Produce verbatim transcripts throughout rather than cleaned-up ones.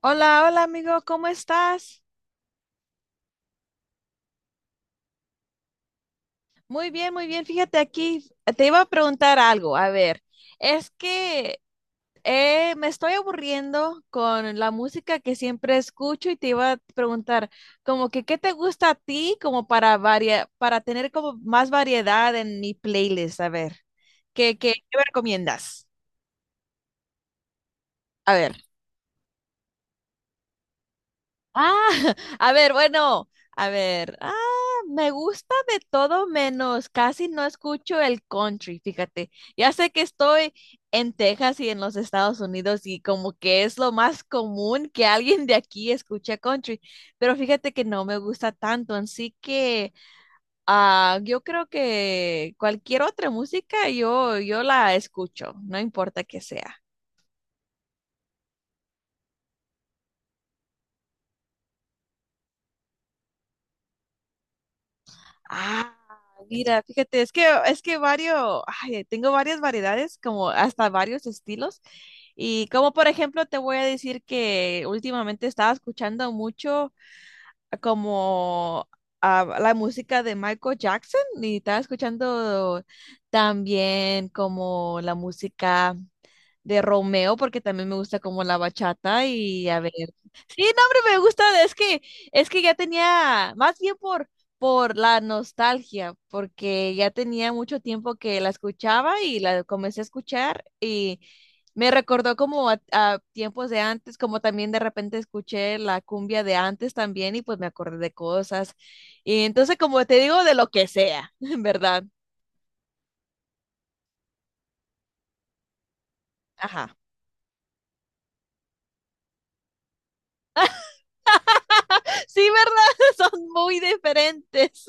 Hola, hola amigo, ¿cómo estás? Muy bien, muy bien. Fíjate aquí, te iba a preguntar algo. A ver, es que eh, me estoy aburriendo con la música que siempre escucho y te iba a preguntar, como que, ¿qué te gusta a ti como para varia- para tener como más variedad en mi playlist? A ver, ¿qué, qué, qué me recomiendas? A ver. Ah, a ver, bueno, a ver. Ah, me gusta de todo menos. Casi no escucho el country, fíjate. Ya sé que estoy en Texas y en los Estados Unidos y como que es lo más común que alguien de aquí escuche country, pero fíjate que no me gusta tanto, así que ah, yo creo que cualquier otra música yo yo la escucho, no importa que sea. Ah, mira, fíjate, es que es que varios, ay, tengo varias variedades, como hasta varios estilos. Y como por ejemplo, te voy a decir que últimamente estaba escuchando mucho como ah, la música de Michael Jackson y estaba escuchando también como la música de Romeo, porque también me gusta como la bachata y a ver. Sí, no, hombre, me gusta, es que, es que ya tenía, más bien por, por la nostalgia, porque ya tenía mucho tiempo que la escuchaba y la comencé a escuchar y me recordó como a, a tiempos de antes, como también de repente escuché la cumbia de antes también y pues me acordé de cosas. Y entonces, como te digo, de lo que sea, ¿verdad? Ajá. Sí, ¿verdad? Son muy diferentes.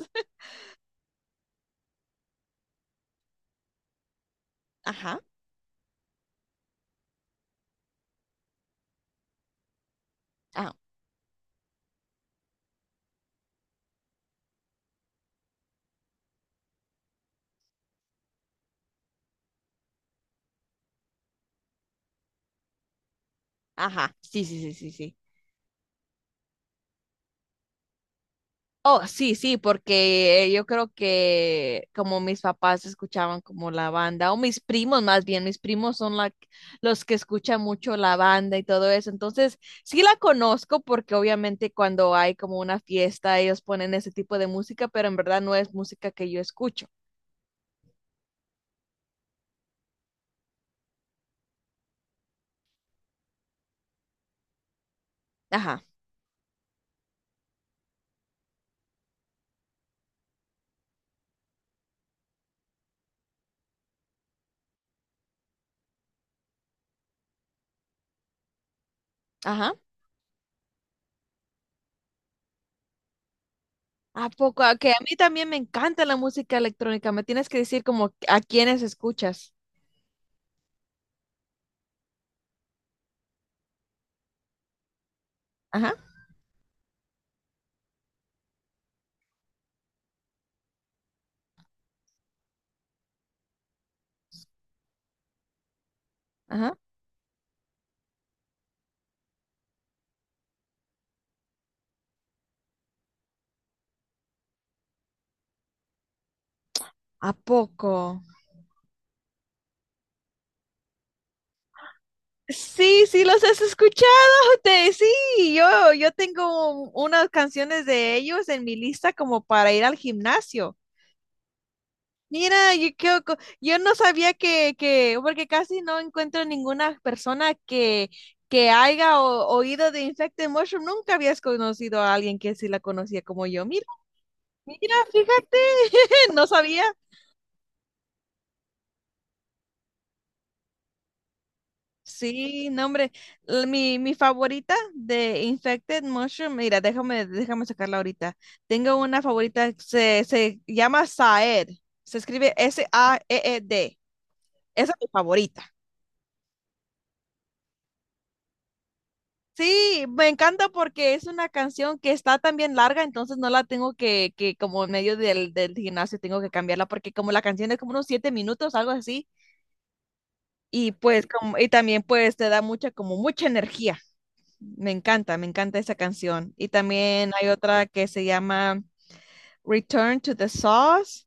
Ajá. Ah, ajá, sí, sí, sí, sí, sí. Oh, sí, sí, porque eh, yo creo que como mis papás escuchaban como la banda, o mis primos más bien, mis primos son la- los que escuchan mucho la banda y todo eso. Entonces, sí la conozco porque obviamente cuando hay como una fiesta, ellos ponen ese tipo de música, pero en verdad no es música que yo escucho. Ajá, ajá. ¿A poco? Ah, que a mí también me encanta la música electrónica. Me tienes que decir como a quiénes escuchas. Ajá, ajá. ¿A poco? Sí, sí, los has escuchado, te, sí, yo, yo tengo unas canciones de ellos en mi lista como para ir al gimnasio. Mira, yo, creo co- yo no sabía que, que, porque casi no encuentro ninguna persona que, que haya o- oído de Infected Mushroom. Nunca habías conocido a alguien que sí la conocía como yo. Mira, mira, fíjate, no sabía. Sí, no, hombre. L- Mi, mi favorita de Infected Mushroom, mira, déjame, déjame sacarla ahorita. Tengo una favorita, se, se llama Saed. Se escribe S-A-E-E-D. Esa es mi favorita. Sí, me encanta porque es una canción que está también larga, entonces no la tengo que, que como en medio del, del gimnasio tengo que cambiarla porque como la canción es como unos siete minutos, algo así, y pues como, y también pues te da mucha, como mucha energía. Me encanta, me encanta esa canción. Y también hay otra que se llama Return to the Sauce.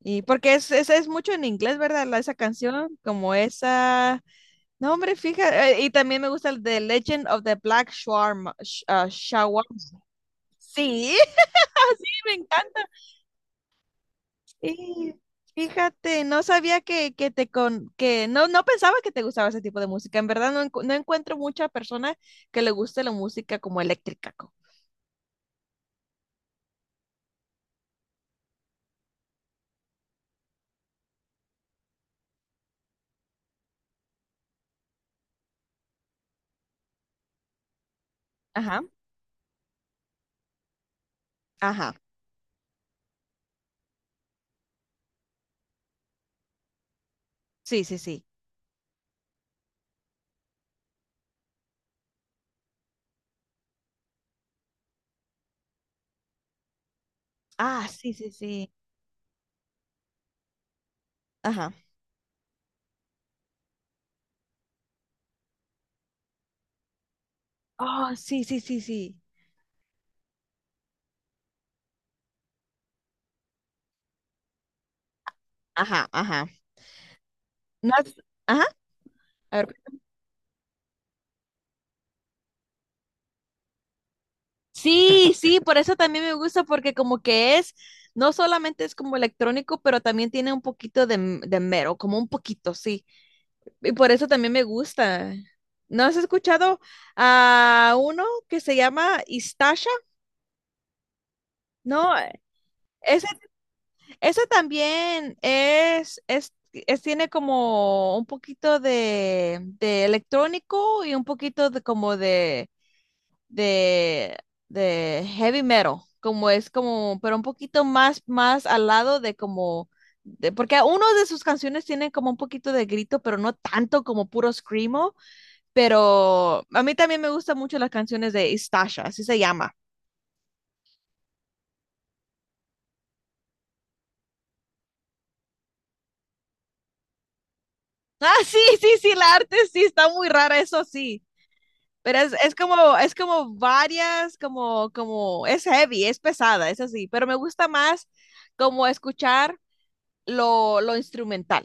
Y porque es, es, es mucho en inglés, ¿verdad? La- esa canción, como esa. No, hombre, fíjate. Y también me gusta el de Legend of the Black Shawarma. sh- ah, shawarma. Sí, me encanta. Y fíjate, no sabía que, que te con que no, no pensaba que te gustaba ese tipo de música. En verdad, no, encu- no encuentro mucha persona que le guste la música como eléctrica. Co- Ajá, ajá. Sí, sí, sí. Ah, sí, sí, sí. Ajá. Oh, sí, sí, sí, sí. Ajá, ajá. No has- Ajá. A ver. Sí, sí, por eso también me gusta, porque como que es, no solamente es como electrónico, pero también tiene un poquito de, m- de mero, como un poquito, sí. Y por eso también me gusta. ¿No has escuchado a uno que se llama Istasha? No, ese eso también es, es, es- tiene como un poquito de, de electrónico y un poquito de como de, de, de heavy metal, como es como, pero un poquito más, más al lado de como, de, porque uno de sus canciones tiene como un poquito de grito, pero no tanto como puro screamo, pero a mí también me gustan mucho las canciones de Istasha, así se llama. Ah, sí, sí, sí, la arte sí, está muy rara, eso sí. Pero es, es como, es como varias, como, como, es heavy, es pesada, es así, pero me gusta más como escuchar lo, lo instrumental,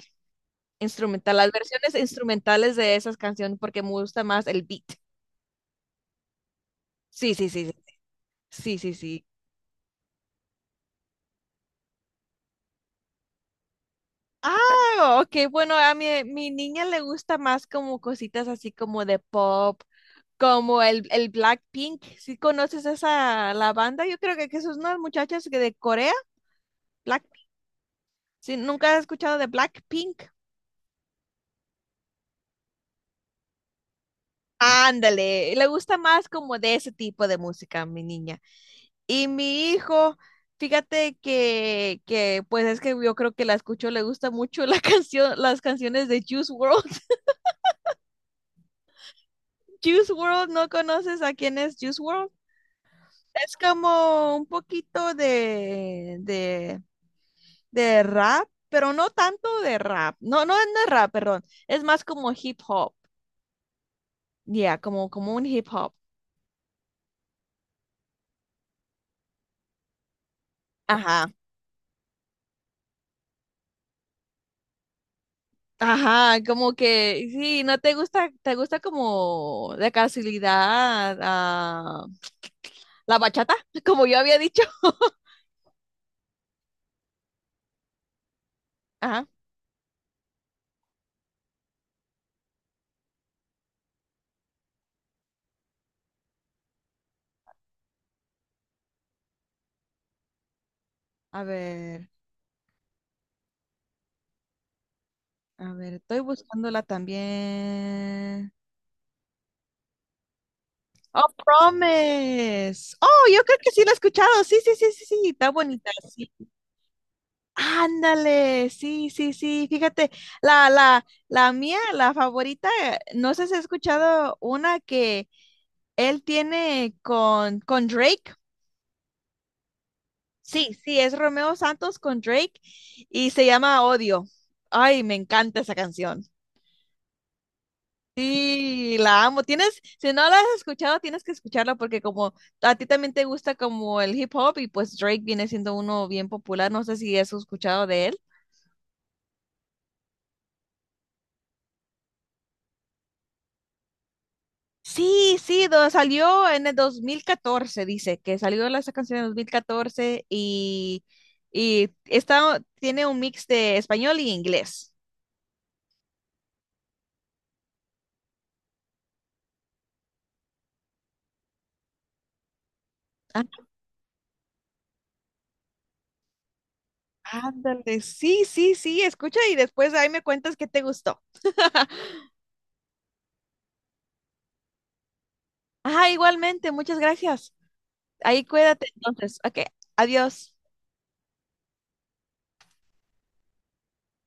instrumental, las versiones instrumentales de esas canciones, porque me gusta más el beat. Sí, sí, sí, sí, sí, sí. Sí. Ah, ok, bueno, a mi, mi niña le gusta más como cositas así como de pop, como el, el Blackpink. ¿Sí conoces esa, la banda? Yo creo que, que son unas muchachas que de Corea, Black, ¿sí? ¿Nunca has escuchado de Blackpink? Ándale, le gusta más como de ese tipo de música, mi niña. Y mi hijo, fíjate que, que pues es que yo creo que la escucho, le gusta mucho la canción, las canciones de Juice World. Juice World, ¿no conoces a quién es Juice World? Es como un poquito de, de, de rap, pero no tanto de rap. No, no, es de rap, perdón. Es más como hip hop. Ya, como, como un hip hop. Ajá. Ajá, como que sí, no te gusta, te gusta como la casualidad, ah, la bachata, como yo había dicho. Ajá, a ver, a ver, estoy buscándola también. Oh, Promise. Oh, yo creo que sí la he escuchado. Sí, sí, sí, sí, sí, está bonita, sí. Ándale, sí, sí, sí. Fíjate, la, la, la mía, la favorita, no sé si has escuchado una que él tiene con, con Drake. Sí, sí, es Romeo Santos con Drake y se llama Odio. Ay, me encanta esa canción. Sí, la amo. Tienes, si no la has escuchado, tienes que escucharla porque como a ti también te gusta como el hip hop y pues Drake viene siendo uno bien popular. No sé si has escuchado de él. Sí, sí, do- salió en el dos mil catorce. Dice, que salió la- esa canción en el dos mil catorce y, y está, tiene un mix de español y inglés. Ándale, sí, sí, sí, escucha y después ahí me cuentas qué te gustó. Ah, igualmente, muchas gracias. Ahí cuídate entonces. Ok, adiós.